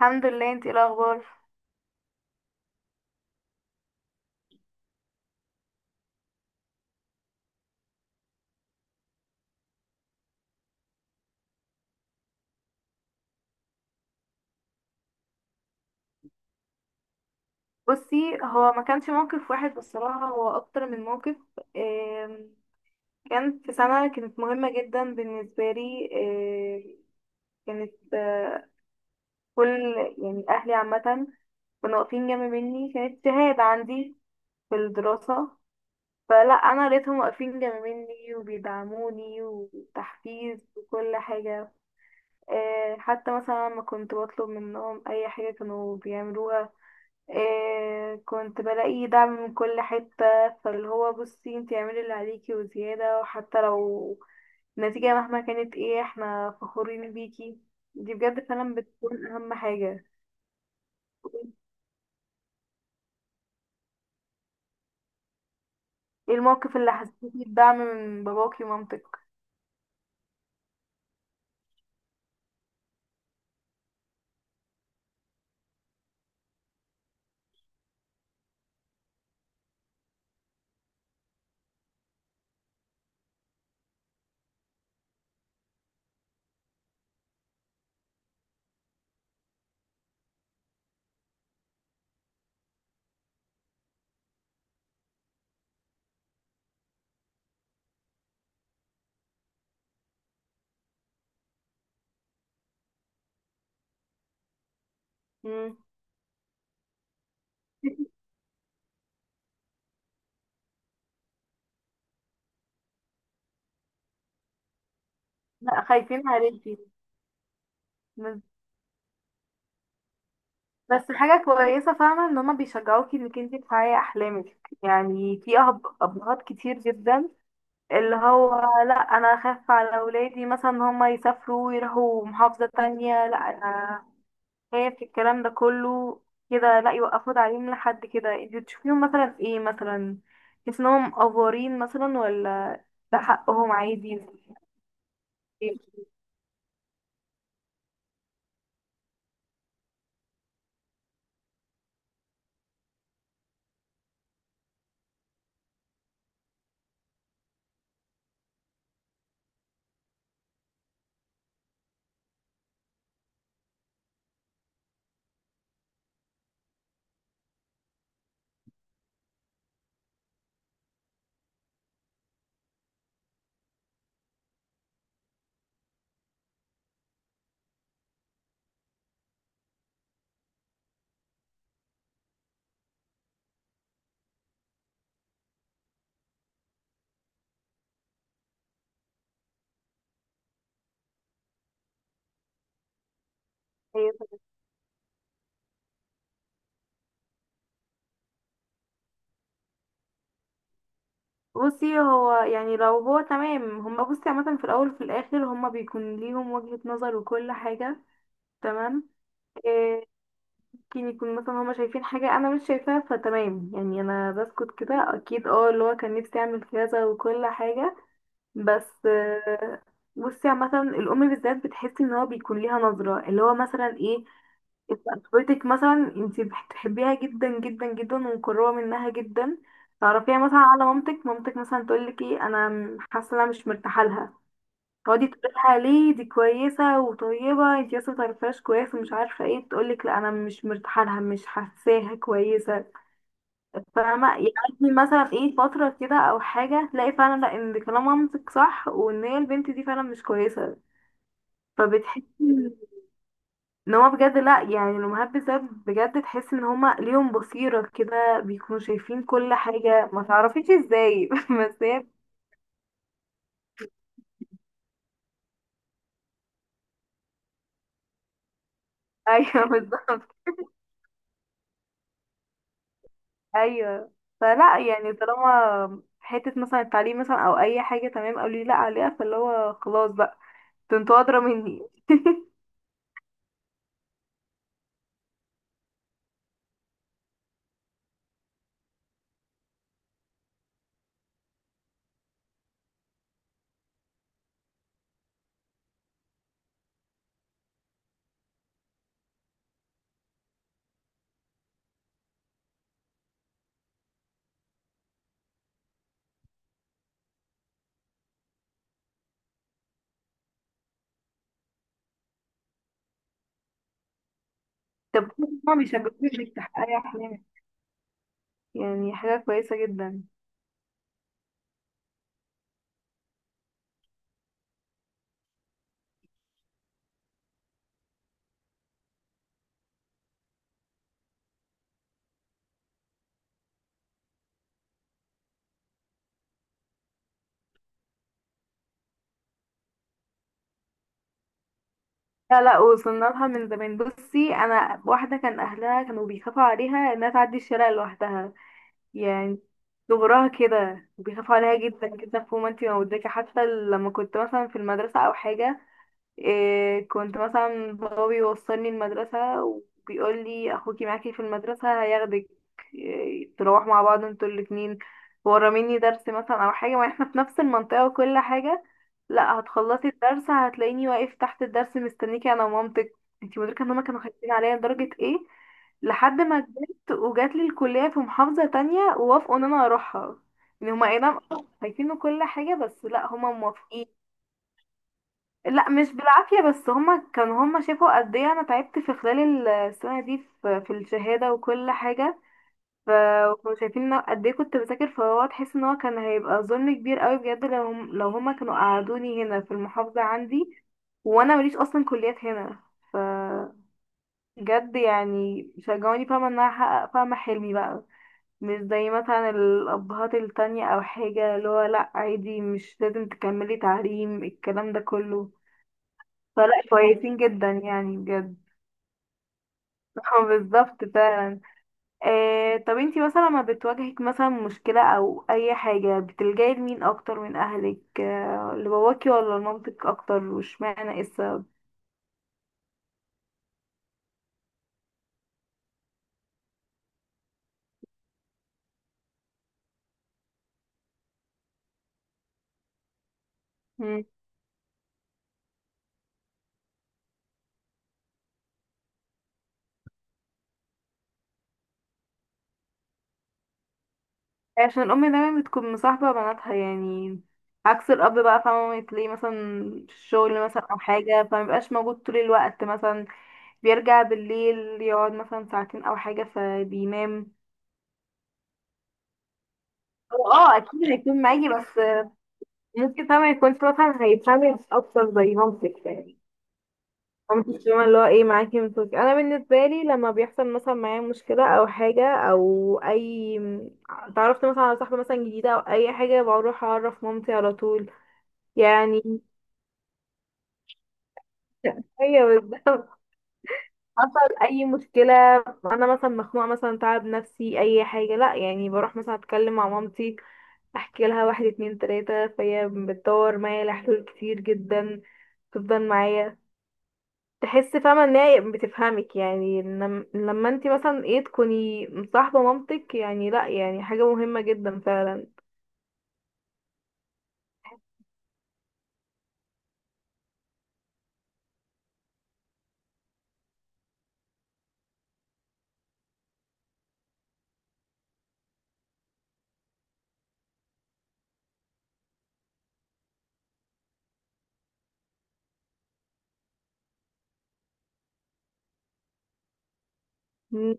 الحمد لله، انتي ايه الاخبار؟ بصي، هو ما كانش موقف واحد بصراحه، هو اكتر من موقف. آم، كان في سنه كانت مهمه جدا بالنسبه لي. كانت آه، كل يعني اهلي عامه كانوا واقفين جنب مني. كانت شهاده عندي في الدراسه. فلا انا لقيتهم واقفين جنب مني وبيدعموني وتحفيز وكل حاجه. حتى مثلا لما كنت بطلب منهم اي حاجه كانوا بيعملوها. إيه، كنت بلاقي دعم من كل حتة. فاللي هو بصي انتي اعملي اللي عليكي وزيادة، وحتى لو النتيجة مهما كانت ايه احنا فخورين بيكي. دي بجد فعلا بتكون اهم حاجة. ايه الموقف اللي حسيتي بدعم من باباكي ومامتك؟ مم. لا خايفين عليكي. بس، حاجة كويسة فاهمة ان هما بيشجعوكي انك انتي تحققي احلامك. يعني في ابهات كتير جدا اللي هو لا انا اخاف على اولادي مثلا ان هم يسافروا ويروحوا محافظة تانية، لا انا خايف الكلام ده كله كده. لا يوقفوا تعليم لحد كده. انت بتشوفيهم مثلا في ايه مثلا؟ تحس انهم افورين مثلا ولا ده حقهم عادي؟ بصي هو يعني لو هو تمام هما، بصي عامة في الأول وفي الآخر هما بيكون ليهم وجهة نظر وكل حاجة. تمام. آه، ممكن يكون مثلا هما شايفين حاجة أنا مش شايفاها فتمام. يعني أنا بسكت كده، أكيد اه اللي هو كان نفسي أعمل كذا وكل حاجة، بس. بصي عامة الأم بالذات بتحس إن هو بيكون ليها نظرة اللي هو مثلا ايه. طفلتك مثلا انتي بتحبيها جدا جدا جدا ومقربة منها جدا. تعرفيها مثلا على مامتك، مامتك مثلا تقولك ايه، أنا حاسة إن أنا مش مرتاحة لها. تقعدي تقولها ليه، دي كويسة وطيبة، انتي لسه متعرفهاش كويس ومش عارفة ايه. تقولك لا انا مش مرتاحة لها، مش حاساها كويسة. فاهمة يعني؟ مثلا ايه فترة كده او حاجة تلاقي فعلا لا، ان كلام مامتك صح وان هي البنت دي فعلا مش كويسة. فبتحسي ان هما بجد لا، يعني الامهات بالذات بجد تحس ان هما ليهم بصيرة كده، بيكونوا شايفين كل حاجة ما تعرفيش ازاي. بس هي. ايوه بالظبط. ايوه. فلا يعني طالما حته مثلا التعليم مثلا او اي حاجه تمام قالوا لي لا عليها، فاللي هو خلاص بقى، ده انتوا ادرى مني. طب هما بيشجعوك انك تحققي احلامك؟ يعني حاجه كويسه جدا. لا لا، وصلنا لها من زمان. بصي انا واحده كان اهلها كانوا بيخافوا عليها انها تعدي الشارع لوحدها يعني. صغرها كده بيخافوا عليها جدا جدا فوق ما انتي ما مدركه. حتى لما كنت مثلا في المدرسه او حاجه، إيه، كنت مثلا بابا بيوصلني المدرسة وبيقول لي أخوكي معاكي في المدرسة هياخدك. إيه، تروح مع بعض انتوا الاتنين، وراميني درس مثلا أو حاجة، ما احنا في نفس المنطقة وكل حاجة. لا، هتخلصي الدرس هتلاقيني واقف تحت الدرس مستنيكي أنا ومامتك. انتي مدركة ان هما كانوا خايفين عليا لدرجة ايه. لحد ما كبرت وجات لي الكلية في محافظة تانية ووافقوا ان انا اروحها. ان هما اي نعم خايفين وكل حاجة، بس لا هما موافقين. لا مش بالعافية، بس هما كان هما شافوا قد ايه انا تعبت في خلال السنة دي في الشهادة وكل حاجة. فكانوا شايفين إن أنا قد ايه كنت بذاكر. فهو تحس ان هو كان هيبقى ظلم كبير قوي بجد لو هما كانوا قعدوني هنا في المحافظة عندي، وانا ماليش اصلا كليات هنا. ف بجد يعني شجعوني فاهمة ان انا احقق فاهمة حلمي بقى. مش زي مثلا الابهات التانية او حاجة اللي هو لا عادي، مش لازم تكملي تعليم الكلام ده كله. فلا كويسين جدا يعني بجد. اه بالظبط فعلا. آه طب انتي مثلا لما بتواجهك مثلا مشكلة او اي حاجة بتلجأي لمين اكتر من اهلك؟ آه لباباكي ولا لمامتك اكتر؟ واشمعنى ايه السبب؟ مم. عشان الام دايما بتكون مصاحبة بناتها يعني. عكس الاب بقى فاهمة تلاقيه مثلا في الشغل مثلا او حاجة، فمبيبقاش موجود طول الوقت مثلا، بيرجع بالليل يقعد مثلا ساعتين او حاجة فبينام. هو اه اكيد هيكون معاكي، بس ممكن طبعا يكون مثلا هيتعمل اكتر زي مامتك يعني. مامتك فاهمة اللي هو ايه معاكي. انا بالنسبه لي لما بيحصل مثلا معايا مشكله او حاجه او اي، تعرفت مثلا على صاحبه مثلا جديده او اي حاجه، بروح اعرف مامتي على طول يعني. ايوه بالظبط. حصل اي مشكله، انا مثلا مخنوقه مثلا تعب نفسي اي حاجه، لا يعني بروح مثلا اتكلم مع مامتي احكي لها واحد اتنين تلاته، فهي بتدور معايا لحلول كتير جدا، تفضل معايا. تحس فاهمة ان هي بتفهمك يعني، لما انت مثلا ايه تكوني مصاحبة مامتك، يعني لا يعني حاجة مهمة جدا فعلا. مم.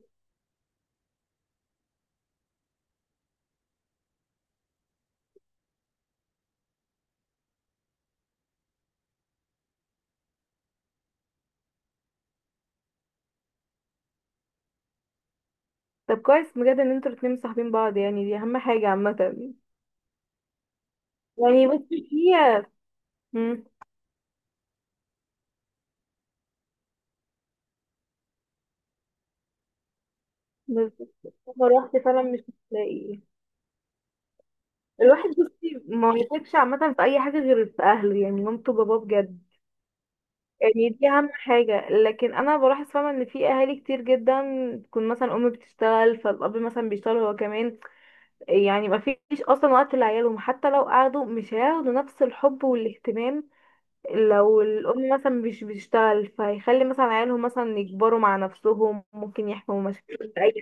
طب كويس بجد ان انتوا الاتنين مصاحبين بعض يعني دي اهم حاجة عامة. يعني بصي هي. مم. بس لو روحت فعلا مش هتلاقي. الواحد بصي ما يثقش عامة في أي حاجة غير في أهله، يعني مامته وباباه بجد. يعني دي أهم حاجة. لكن أنا بلاحظ فاهمة إن في أهالي كتير جدا تكون مثلا أم بتشتغل فالأب مثلا بيشتغل هو كمان. يعني ما فيش اصلا وقت لعيالهم، حتى لو قعدوا مش هياخدوا نفس الحب والاهتمام. لو الام مثلا مش بتشتغل فهيخلي مثلا عيالهم مثلا يكبروا مع نفسهم، ممكن يحكموا مشاكل في اي.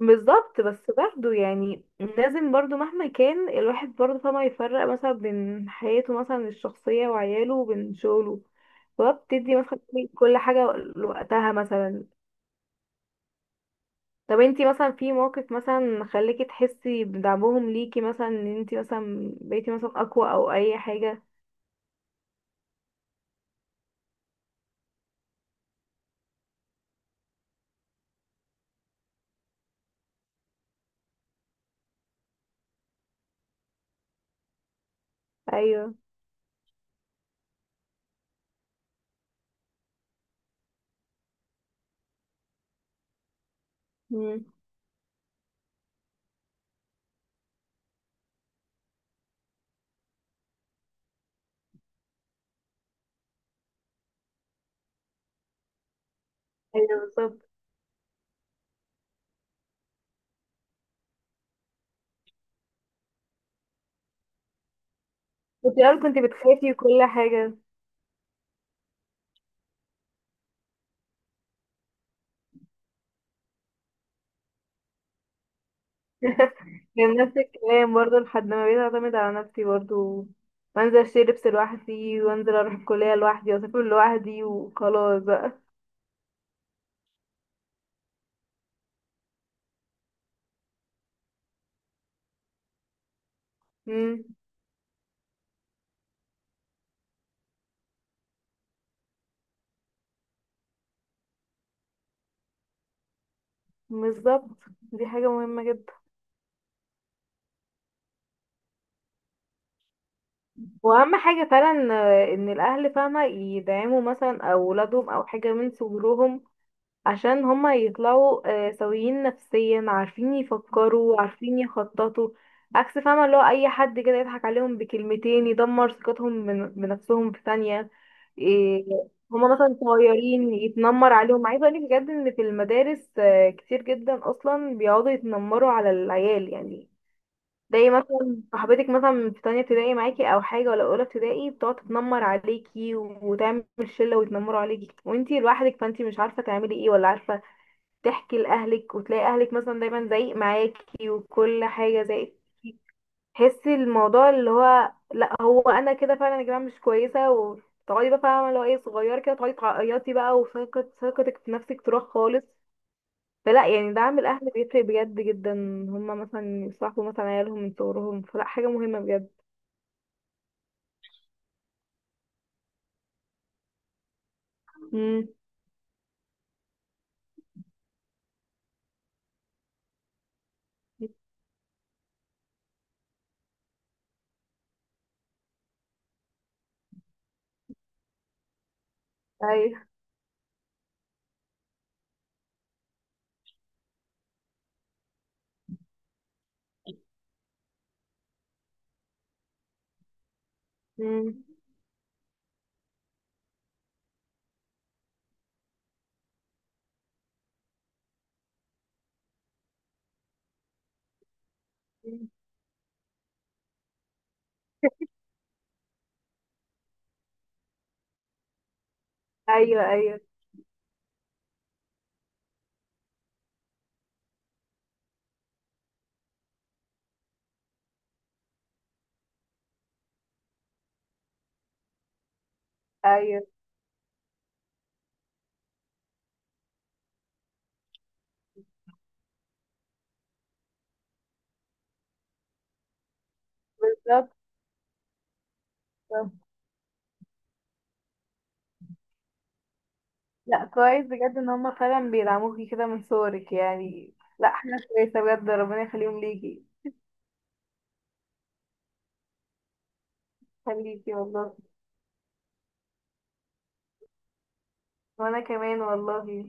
بالظبط. بس برضه يعني لازم برضه مهما كان الواحد برضه فما يفرق مثلا بين حياته مثلا الشخصية وعياله وبين شغله، وبتدي مثلا كل حاجة لوقتها مثلا. طب انتي مثلا في موقف مثلا خليكي تحسي بدعمهم ليكي مثلا، ان انتي مثلا بقيتي مثلا اقوى او اي حاجة؟ ايوه. مم. ايوه بالظبط. كنت الاول كنت بتخافي وكل حاجة. كان نفس الكلام برضه لحد ما بقيت اعتمد على نفسي برضه، وانزل اشتري لبس لوحدي وانزل اروح الكلية لوحدي واسافر لوحدي وخلاص بقى. مم. بالظبط، دي حاجة مهمة جدا واهم حاجة فعلا. ان الاهل فاهمة يدعموا مثلا اولادهم او حاجة من صغرهم عشان هما يطلعوا سويين نفسيا عارفين يفكروا عارفين يخططوا. عكس فاهمة اللي هو أي حد كده يضحك عليهم بكلمتين يدمر ثقتهم بنفسهم في ثانية. إيه، هما مثلا صغيرين يتنمر عليهم. عايزة أقولك بجد إن في المدارس كتير جدا أصلا بيقعدوا يتنمروا على العيال يعني. تلاقي مثلا صاحبتك مثلا في تانية ابتدائي معاكي أو حاجة، ولا أولى ابتدائي بتقعد تتنمر عليكي وتعمل شلة ويتنمروا عليكي وانتي لوحدك، فانتي مش عارفة تعملي ايه ولا عارفة تحكي لأهلك. وتلاقي أهلك مثلا دايما زايق معاكي وكل حاجة زايق. تحسي الموضوع اللي هو لا، هو أنا كده فعلا يا جماعة مش كويسة، وتقعدي بقى فاهمة اللي هو ايه صغير كده تقعدي تعيطي بقى، ثقتك في نفسك تروح خالص. فلا يعني دعم الأهل بيفرق بجد جدا. هما مثلا يصاحبوا مثلا عيالهم من صغرهم، فلا حاجة مهمة بجد. مم. أيوه. مم. أيوه أيوه أيوه بالظبط. لا كويس بجد ان هما فعلا بيدعموكي كده من صورك يعني، لا حاجة كويسة بجد، ربنا يخليهم ليكي. خليكي والله. وانا كمان والله.